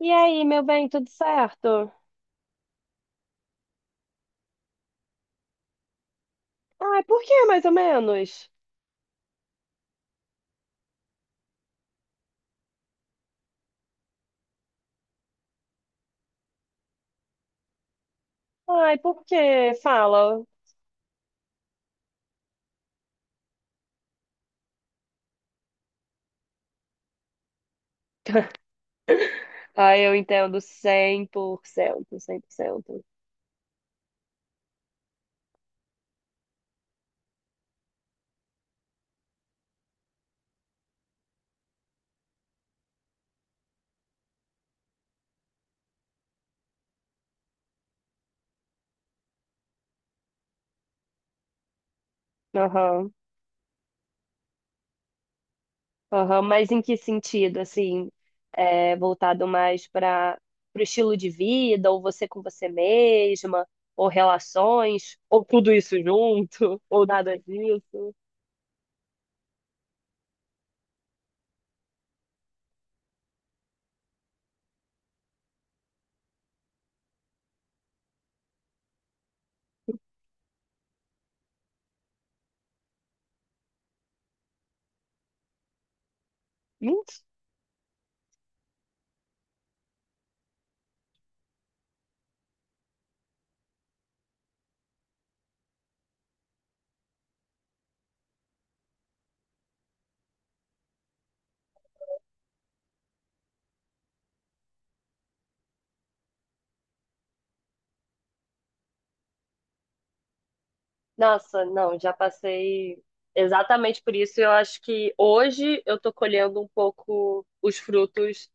E aí, meu bem, tudo certo? Ai, por que mais ou menos? Ai, por que? Fala. Ai, eu entendo cem por cento, cem por cento. Aham, aham. Mas em que sentido, assim? É, voltado mais para o estilo de vida, ou você com você mesma, ou relações, ou tudo isso junto, ou nada disso? Nossa, não, já passei exatamente por isso. Eu acho que hoje eu tô colhendo um pouco os frutos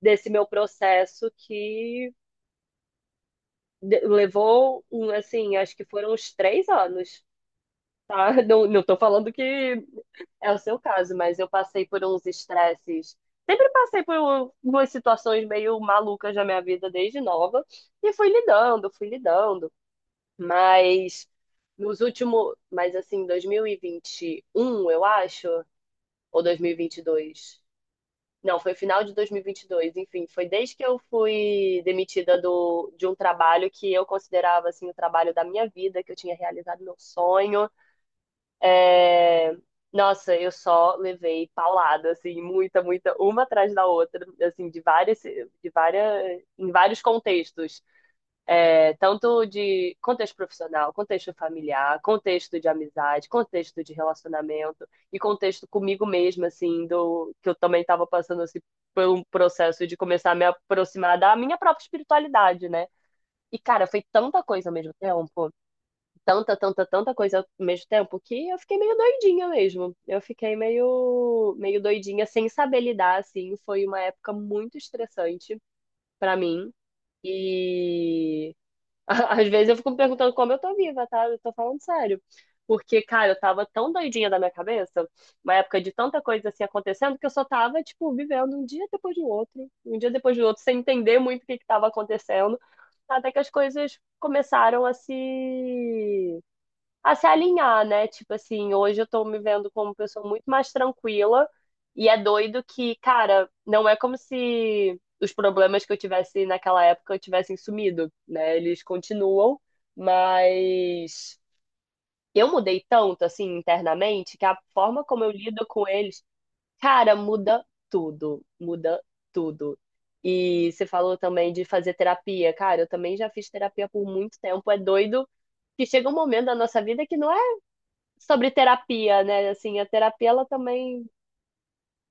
desse meu processo que levou, um, assim, acho que foram uns três anos, tá? Não, tô falando que é o seu caso, mas eu passei por uns estresses. Sempre passei por umas situações meio malucas na minha vida desde nova e fui lidando, fui lidando. Mas nos últimos, mas assim, 2021 eu acho, ou dois mil e vinte e dois. Não, foi final de dois mil e vinte e dois, enfim, foi desde que eu fui demitida de um trabalho que eu considerava assim o trabalho da minha vida, que eu tinha realizado meu sonho. É, nossa, eu só levei paulada, assim, muita, muita, uma atrás da outra, assim, de várias, em vários contextos, tanto de contexto profissional, contexto familiar, contexto de amizade, contexto de relacionamento e contexto comigo mesma, assim, do que eu também estava passando assim, por um processo de começar a me aproximar da minha própria espiritualidade, né? E, cara, foi tanta coisa ao mesmo tempo, tanta, tanta, tanta coisa ao mesmo tempo, que eu fiquei meio doidinha mesmo. Eu fiquei meio doidinha, sem saber lidar, assim. Foi uma época muito estressante para mim. E às vezes eu fico me perguntando como eu tô viva, tá? Eu tô falando sério. Porque, cara, eu tava tão doidinha da minha cabeça, uma época de tanta coisa assim acontecendo, que eu só tava, tipo, vivendo um dia depois do outro, um dia depois do outro, sem entender muito o que que tava acontecendo, até que as coisas começaram a se alinhar, né? Tipo assim, hoje eu tô me vendo como pessoa muito mais tranquila e é doido que, cara, não é como se os problemas que eu tivesse naquela época tivessem sumido, né? Eles continuam, mas eu mudei tanto assim internamente que a forma como eu lido com eles, cara, muda tudo, muda tudo. E você falou também de fazer terapia. Cara, eu também já fiz terapia por muito tempo. É doido que chega um momento da nossa vida que não sobre terapia, né? Assim, a terapia ela também,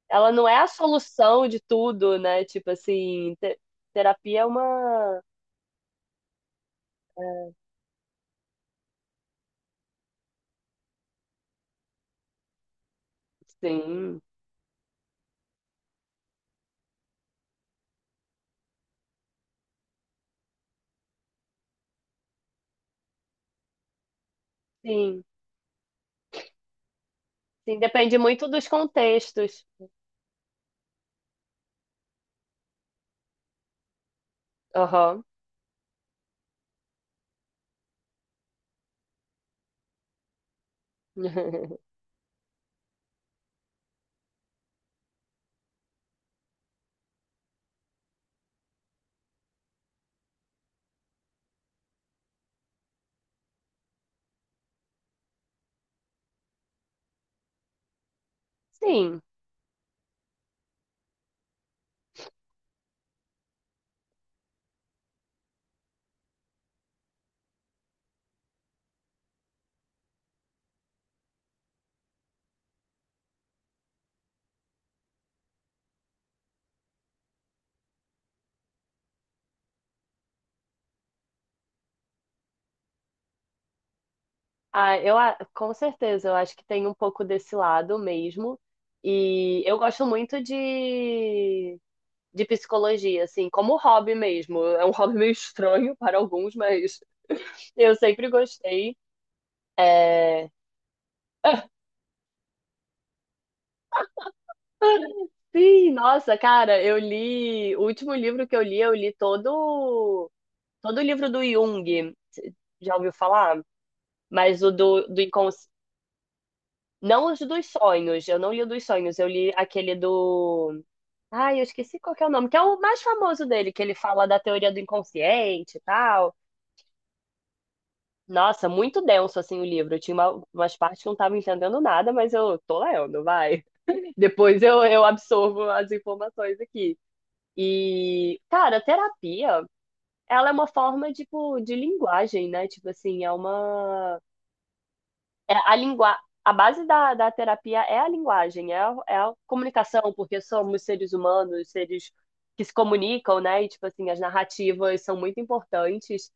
ela não é a solução de tudo, né? Tipo assim, terapia é uma, sim, sim, sim, depende muito dos contextos. Aham. Sim. Ah, com certeza, eu acho que tem um pouco desse lado mesmo. E eu gosto muito de psicologia, assim, como hobby mesmo. É um hobby meio estranho para alguns, mas eu sempre gostei. É... Sim, nossa, cara, eu li. O último livro que eu li todo, todo o livro do Jung. Cê já ouviu falar? Mas do incons... não, os dos sonhos. Eu não li o dos sonhos. Eu li aquele do. Ai, eu esqueci qual que é o nome, que é o mais famoso dele, que ele fala da teoria do inconsciente e tal. Nossa, muito denso assim o livro. Eu tinha umas partes que eu não tava entendendo nada, mas eu tô lendo, vai. Depois eu absorvo as informações aqui. E, cara, terapia, ela é uma forma, tipo, de linguagem, né? Tipo assim, é uma... É a lingua... A base da terapia é a linguagem, é a comunicação, porque somos seres humanos, seres que se comunicam, né? E, tipo assim, as narrativas são muito importantes.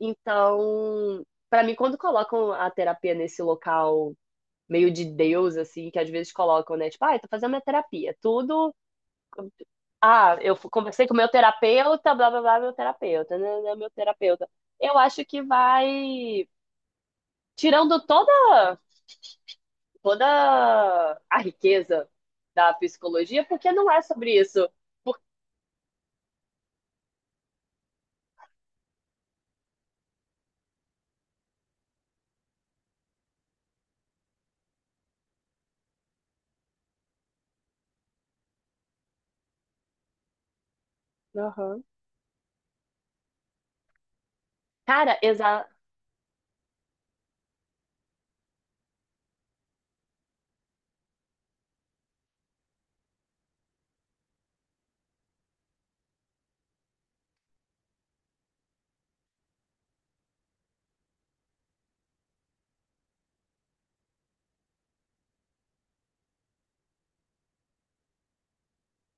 Então, pra mim, quando colocam a terapia nesse local meio de Deus, assim, que às vezes colocam, né? Tipo, ah, eu tô fazendo minha terapia. Tudo, ah, conversei com meu terapeuta, blá blá blá, meu terapeuta, meu terapeuta. Eu acho que vai tirando toda toda a riqueza da psicologia, porque não é sobre isso. Aham. Cara,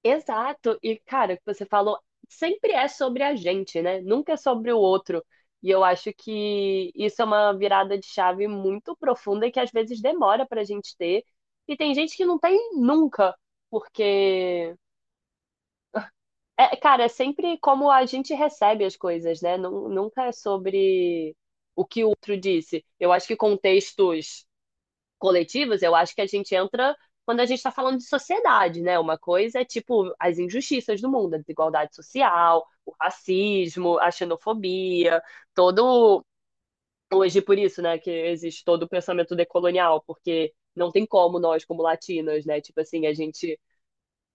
exato. E, cara, o que você falou sempre é sobre a gente, né? Nunca é sobre o outro. E eu acho que isso é uma virada de chave muito profunda e que às vezes demora pra gente ter. E tem gente que não tem nunca, porque. É, cara, é sempre como a gente recebe as coisas, né? Nunca é sobre o que o outro disse. Eu acho que contextos coletivas, eu acho que a gente entra quando a gente está falando de sociedade, né? Uma coisa é tipo as injustiças do mundo, a desigualdade social, o racismo, a xenofobia, todo hoje por isso, né, que existe todo o pensamento decolonial, porque não tem como nós como latinas, né? Tipo assim, a gente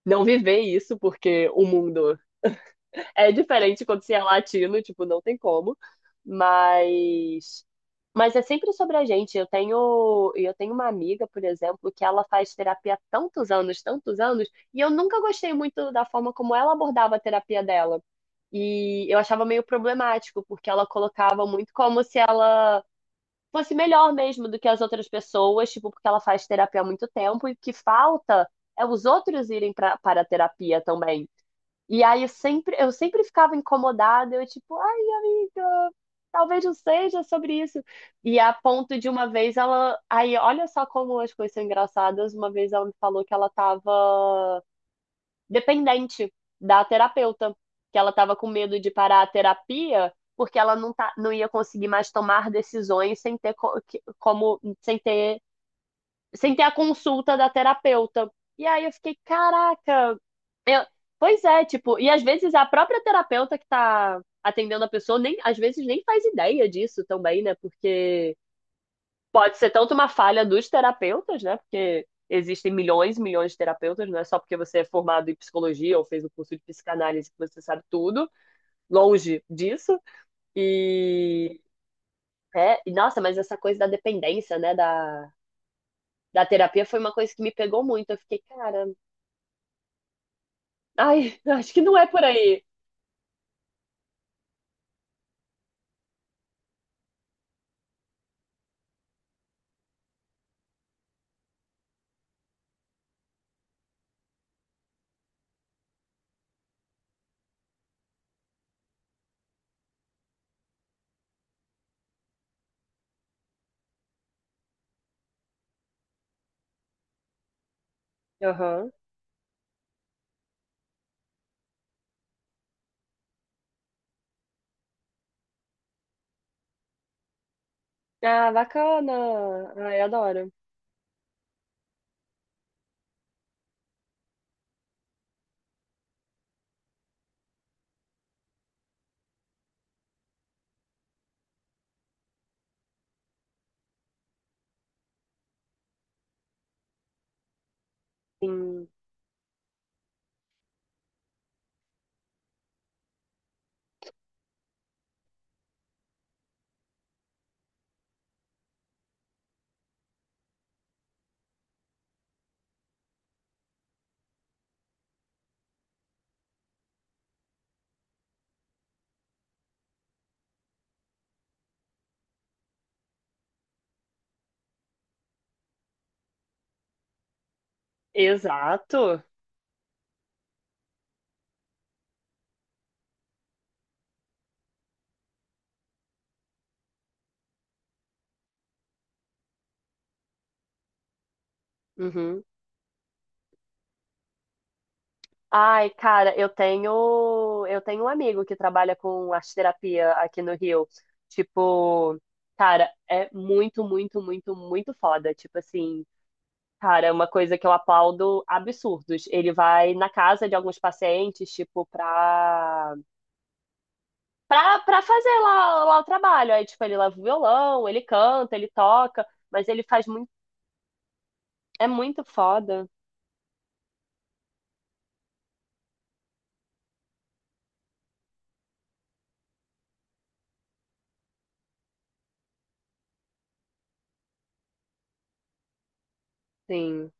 não viver isso porque o mundo é diferente quando você é latino, tipo, não tem como. Mas mas é sempre sobre a gente. Eu tenho uma amiga, por exemplo, que ela faz terapia há tantos anos, e eu nunca gostei muito da forma como ela abordava a terapia dela. E eu achava meio problemático, porque ela colocava muito como se ela fosse melhor mesmo do que as outras pessoas, tipo, porque ela faz terapia há muito tempo e o que falta é os outros irem para a terapia também. E aí eu sempre ficava incomodada, eu tipo, ai, talvez não seja sobre isso. E a ponto de uma vez ela. Aí, olha só como as coisas são engraçadas. Uma vez ela me falou que ela estava dependente da terapeuta, que ela estava com medo de parar a terapia porque ela não, tá, não ia conseguir mais tomar decisões sem ter co- que- como sem ter sem ter a consulta da terapeuta. E aí eu fiquei, caraca, eu- pois é, tipo, e às vezes a própria terapeuta que tá atendendo a pessoa nem, às vezes nem faz ideia disso também, né? Porque pode ser tanto uma falha dos terapeutas, né? Porque existem milhões e milhões de terapeutas, não é só porque você é formado em psicologia ou fez o curso de psicanálise que você sabe tudo, longe disso. E é, e, nossa, mas essa coisa da dependência, né, da terapia foi uma coisa que me pegou muito. Eu fiquei, cara, ai, acho que não é por aí. Ah, bacana. Ai, adoro. Sim. Exato. Uhum. Ai, cara, eu tenho um amigo que trabalha com arte terapia aqui no Rio. Tipo, cara, é muito, muito, muito, muito foda. Tipo assim, cara, é uma coisa que eu aplaudo absurdos. Ele vai na casa de alguns pacientes, tipo, pra fazer lá o trabalho. Aí, tipo, ele leva o violão, ele canta, ele toca, mas ele faz muito, é muito foda. Sim,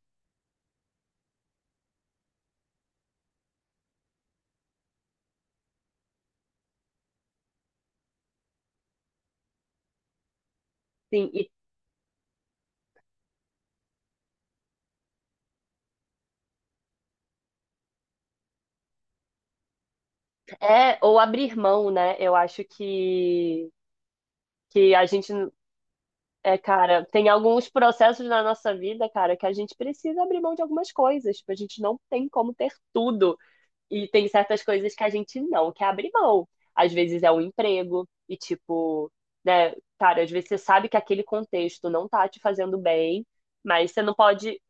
sim, e é, ou abrir mão, né? Eu acho que a gente, é, cara, tem alguns processos na nossa vida, cara, que a gente precisa abrir mão de algumas coisas, tipo, a gente não tem como ter tudo, e tem certas coisas que a gente não quer abrir mão. Às vezes é um emprego, e tipo, né, cara, às vezes você sabe que aquele contexto não tá te fazendo bem, mas você não pode,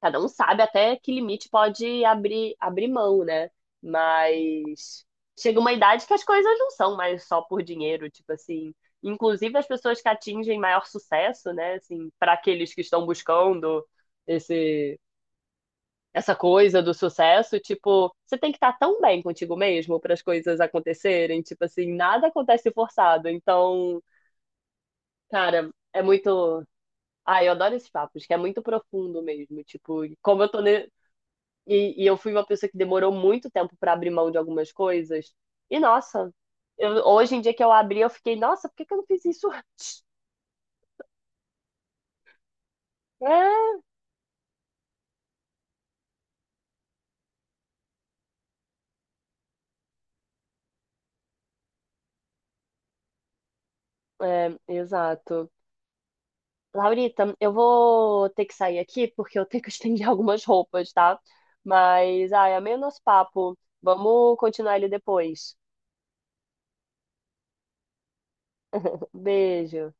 cada um sabe até que limite pode abrir mão, né? Mas chega uma idade que as coisas não são mais só por dinheiro, tipo assim. Inclusive as pessoas que atingem maior sucesso, né? Assim, para aqueles que estão buscando esse, essa coisa do sucesso, tipo, você tem que estar tão bem contigo mesmo para as coisas acontecerem, tipo assim, nada acontece forçado. Então, cara, é muito. Ah, eu adoro esses papos, que é muito profundo mesmo. Tipo, como eu tô ne- e, eu fui uma pessoa que demorou muito tempo para abrir mão de algumas coisas. E nossa, eu- hoje em dia que eu abri, eu fiquei, nossa, por que que eu não fiz isso antes? É, exato. Laurita, eu vou ter que sair aqui porque eu tenho que estender algumas roupas, tá? Mas, ai, amei o nosso papo. Vamos continuar ele depois. Beijo.